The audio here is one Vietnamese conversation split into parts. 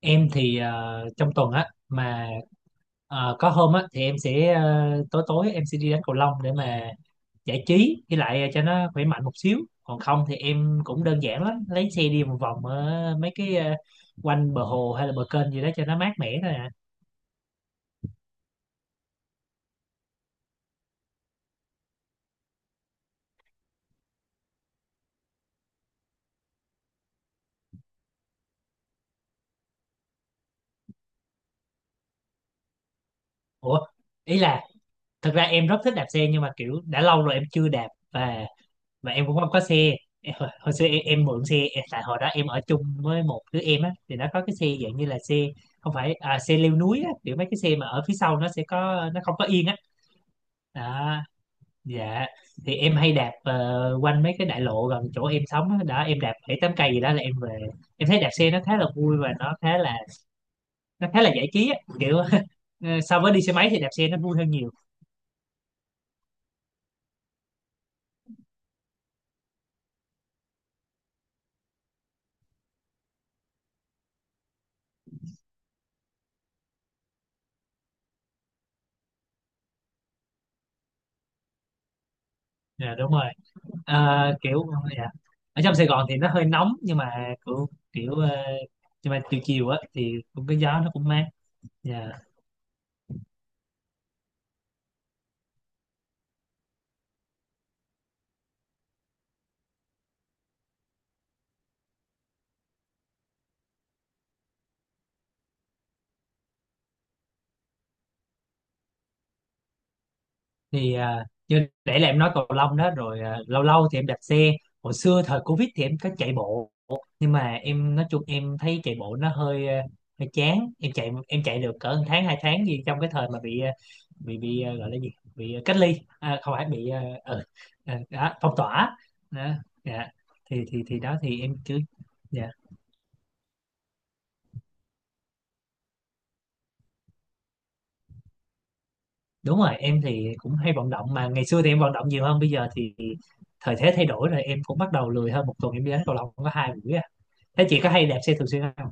Em thì trong tuần á mà có hôm á thì em sẽ tối tối em sẽ đi đánh cầu lông để mà giải trí, với lại cho nó khỏe mạnh một xíu. Còn không thì em cũng đơn giản lắm, lấy xe đi một vòng ở mấy cái quanh bờ hồ hay là bờ kênh gì đó cho nó mát mẻ thôi à. Ủa, ý là thật ra em rất thích đạp xe, nhưng mà kiểu đã lâu rồi em chưa đạp, và mà em cũng không có xe. Hồi xưa em mượn xe em, tại hồi đó em ở chung với một đứa em á, thì nó có cái xe dạng như là xe không phải, à xe leo núi á, kiểu mấy cái xe mà ở phía sau nó sẽ có, nó không có yên á. Đó. Dạ, thì em hay đạp quanh mấy cái đại lộ gần chỗ em sống á, đó em đạp bảy tám cây gì đó là em về. Em thấy đạp xe nó khá là vui, và nó khá là giải trí á kiểu. So với đi xe máy thì đạp xe nó vui hơn nhiều. Dạ, đúng rồi. Kiểu. Dạ. Ở trong Sài Gòn thì nó hơi nóng, nhưng mà kiểu kiểu nhưng mà từ chiều á thì cũng cái gió nó cũng mát. Dạ. Thì như để là em nói cầu lông đó rồi, lâu lâu thì em đạp xe. Hồi xưa thời Covid thì em có chạy bộ, nhưng mà em nói chung em thấy chạy bộ nó hơi hơi chán. Em chạy, em chạy được cỡ một tháng hai tháng gì, trong cái thời mà bị gọi là gì, bị cách ly, à không phải, bị đó, phong tỏa đó. Dạ. Thì đó thì em cứ. Dạ, đúng rồi. Em thì cũng hay vận động, mà ngày xưa thì em vận động nhiều hơn. Bây giờ thì thời thế thay đổi rồi, em cũng bắt đầu lười hơn. Một tuần em đi đánh cầu lông có 2 buổi à. Thế chị có hay đạp xe thường xuyên không?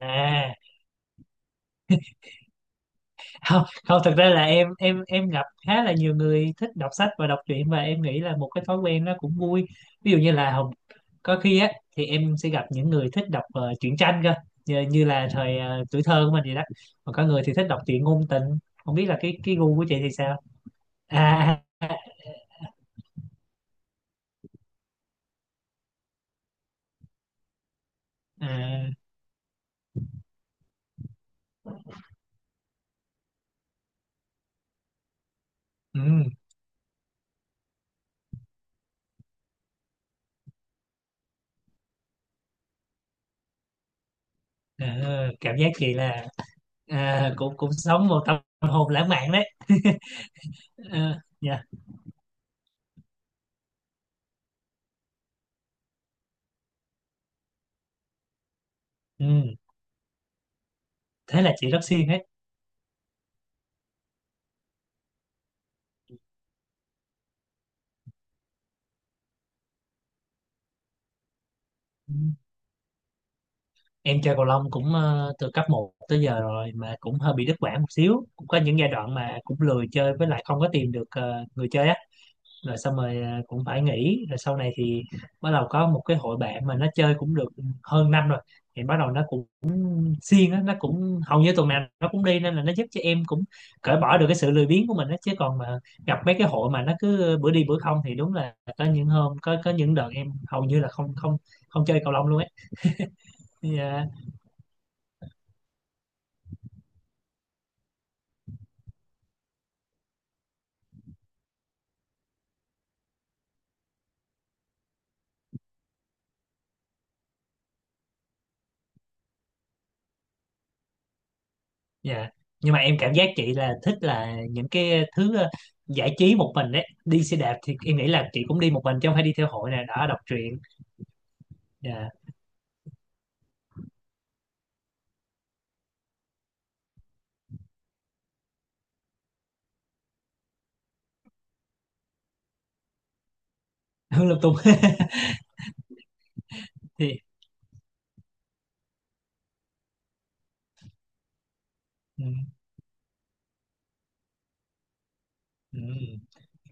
À. Không. Không, thực ra là em em gặp khá là nhiều người thích đọc sách và đọc truyện, và em nghĩ là một cái thói quen nó cũng vui. Ví dụ như là có khi á thì em sẽ gặp những người thích đọc truyện tranh cơ, như là thời tuổi thơ của mình vậy đó. Còn có người thì thích đọc truyện ngôn tình. Không biết là cái gu của chị thì sao? À, à, ừ. Ờ, Cảm giác chị là, à, cũng cũng sống một tâm hồn lãng mạn đấy. Ờ, dạ. Ừ. Thế là chị rất siêng đấy. Ừ. Em chơi cầu lông cũng từ cấp một tới giờ rồi, mà cũng hơi bị đứt quãng một xíu, cũng có những giai đoạn mà cũng lười chơi, với lại không có tìm được người chơi á. Rồi xong rồi cũng phải nghỉ. Rồi sau này thì bắt đầu có một cái hội bạn mà nó chơi cũng được hơn năm rồi, thì bắt đầu nó cũng siêng á, nó cũng hầu như tuần nào nó cũng đi, nên là nó giúp cho em cũng cởi bỏ được cái sự lười biếng của mình á. Chứ còn mà gặp mấy cái hội mà nó cứ bữa đi bữa không thì đúng là có những hôm, có những đợt em hầu như là không không không chơi cầu lông luôn ấy. Dạ. Dạ, nhưng mà em cảm giác chị là thích là những cái thứ giải trí một mình đấy. Đi xe đạp thì em nghĩ là chị cũng đi một mình chứ không phải đi theo hội nè, đó đọc truyện. Dạ. Hương Lập Tùng. Thì ừ, ừ.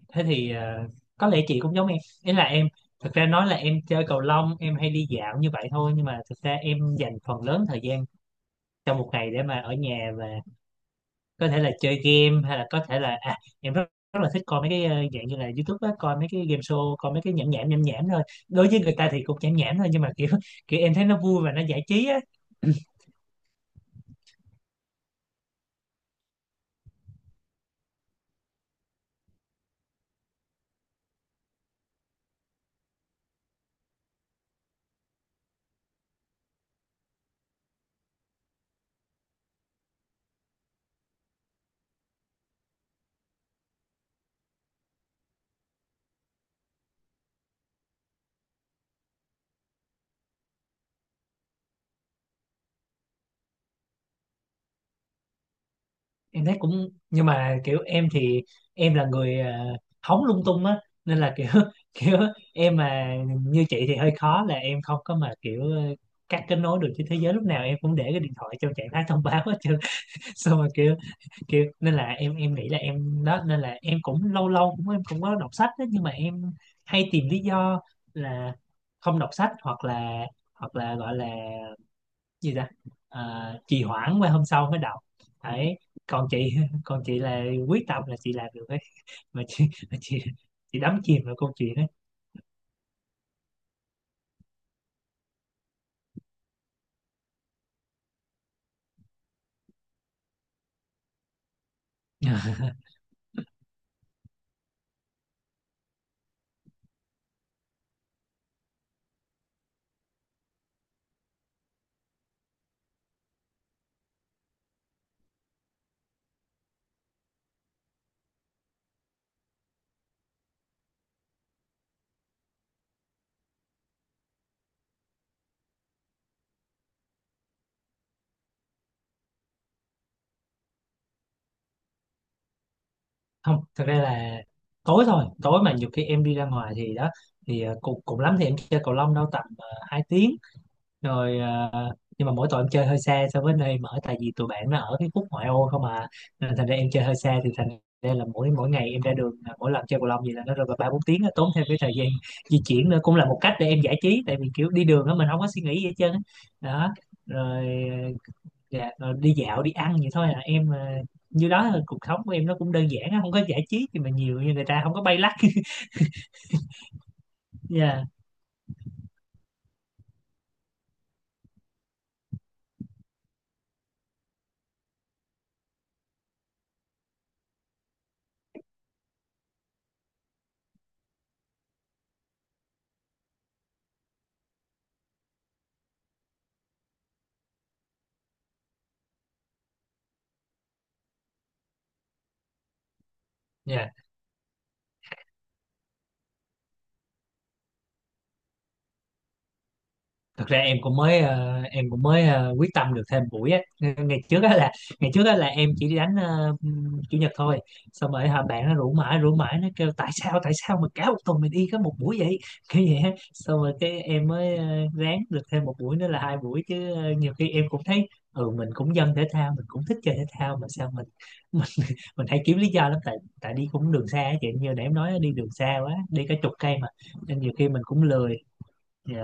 Thế thì có lẽ chị cũng giống em. Ý là em, thực ra nói là em chơi cầu lông, em hay đi dạo như vậy thôi, nhưng mà thực ra em dành phần lớn thời gian trong một ngày để mà ở nhà, và có thể là chơi game, hay là có thể là, à em rất rất là thích coi mấy cái dạng như là YouTube á, coi mấy cái game show, coi mấy cái nhảm nhảm nhảm nhảm thôi. Đối với người ta thì cũng nhảm nhảm thôi, nhưng mà kiểu kiểu em thấy nó vui và nó giải trí á. Em thấy cũng, nhưng mà kiểu em thì em là người, à hóng lung tung á, nên là kiểu kiểu em mà như chị thì hơi khó, là em không có mà kiểu cắt kết nối được với thế giới. Lúc nào em cũng để cái điện thoại trong trạng thái thông báo hết trơn. Xong rồi kiểu kiểu nên là em nghĩ là em đó, nên là em cũng lâu lâu cũng em cũng có đọc sách đó, nhưng mà em hay tìm lý do là không đọc sách. Hoặc là hoặc là gọi là gì ta, à trì hoãn qua hôm sau mới đọc đấy. Còn chị còn chị là quyết tâm là chị làm được ấy. Mà chị mà chị chị đắm chìm vào câu chuyện ấy. Không, thật ra là tối thôi. Tối mà nhiều khi em đi ra ngoài thì đó, thì cùng cùng lắm thì em chơi cầu lông đâu tầm 2 tiếng. Rồi à, nhưng mà mỗi tội em chơi hơi xa so với nơi em ở, tại vì tụi bạn nó ở cái khúc ngoại ô không à. Nên thành ra em chơi hơi xa, thì thành ra là mỗi mỗi ngày em ra đường, là mỗi lần chơi cầu lông gì là nó rơi vào 3-4 tiếng á, tốn thêm cái thời gian di chuyển. Nữa cũng là một cách để em giải trí, tại vì kiểu đi đường á mình không có suy nghĩ gì hết trơn á. Đó. Rồi à, dạ, rồi đi dạo đi ăn vậy thôi à em à. Như đó là cuộc sống của em nó cũng đơn giản á, không có giải trí gì mà nhiều như người ta, không có bay lắc. Yeah. Thật ra em cũng mới quyết tâm được thêm buổi á. ngày trước á là ngày trước á là em chỉ đi đánh chủ nhật thôi. Xong rồi hả, bạn nó rủ mãi rủ mãi, nó kêu tại sao mà cả một tuần mình đi có một buổi vậy, kiểu vậy á. Xong rồi cái em mới ráng được thêm một buổi nữa là 2 buổi, chứ nhiều khi em cũng thấy ừ mình cũng dân thể thao, mình cũng thích chơi thể thao, mà sao mình mình mình hay kiếm lý do lắm. Tại tại đi cũng đường xa á chị, như nãy em nói đi đường xa quá, đi cả chục cây mà, nên nhiều khi mình cũng lười. Dạ.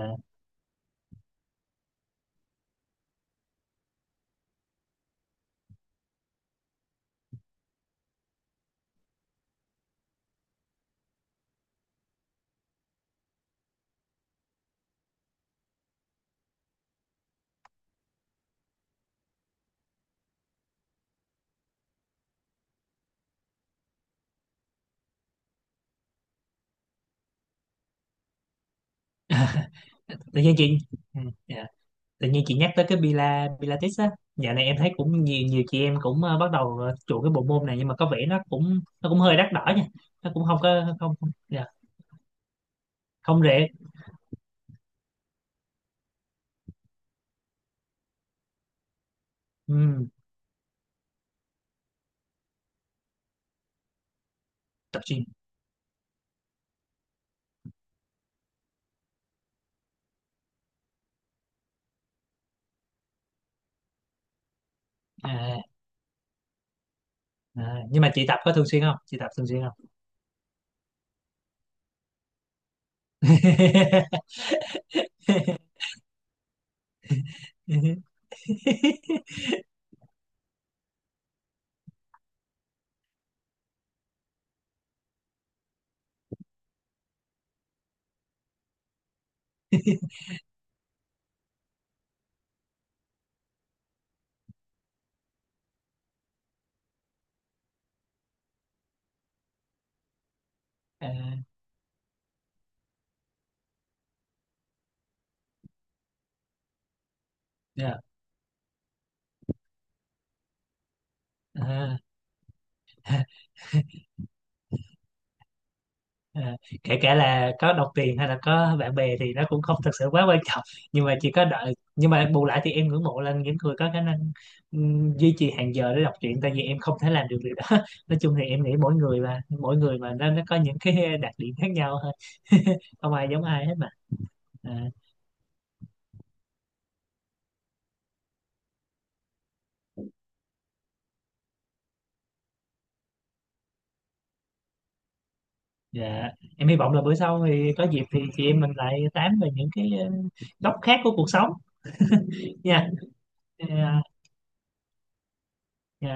Tự nhiên chị, ừ, dạ. Tự nhiên chị nhắc tới cái Pilates á, dạo này em thấy cũng nhiều nhiều chị em cũng bắt đầu chuộng cái bộ môn này, nhưng mà có vẻ nó cũng hơi đắt đỏ nha. Nó cũng không có không không dạ, không rẻ. ừ, Tập gym. À, à, nhưng mà chị tập có thường xuyên không, chị tập thường xuyên không? À, dạ. À. À, kể cả là có đồng tiền hay là có bạn bè thì nó cũng không thực sự quá quan trọng, nhưng mà chỉ có đợi, nhưng mà bù lại thì em ngưỡng mộ là những người có khả năng duy trì hàng giờ để đọc truyện, tại vì em không thể làm được điều đó. Nói chung thì em nghĩ mỗi người mà, mỗi người mà nó có những cái đặc điểm khác nhau thôi. Không ai giống ai hết mà. À, dạ. Em hy vọng là bữa sau thì có dịp thì chị em mình lại tám về những cái góc khác của cuộc sống nha. À, dạ.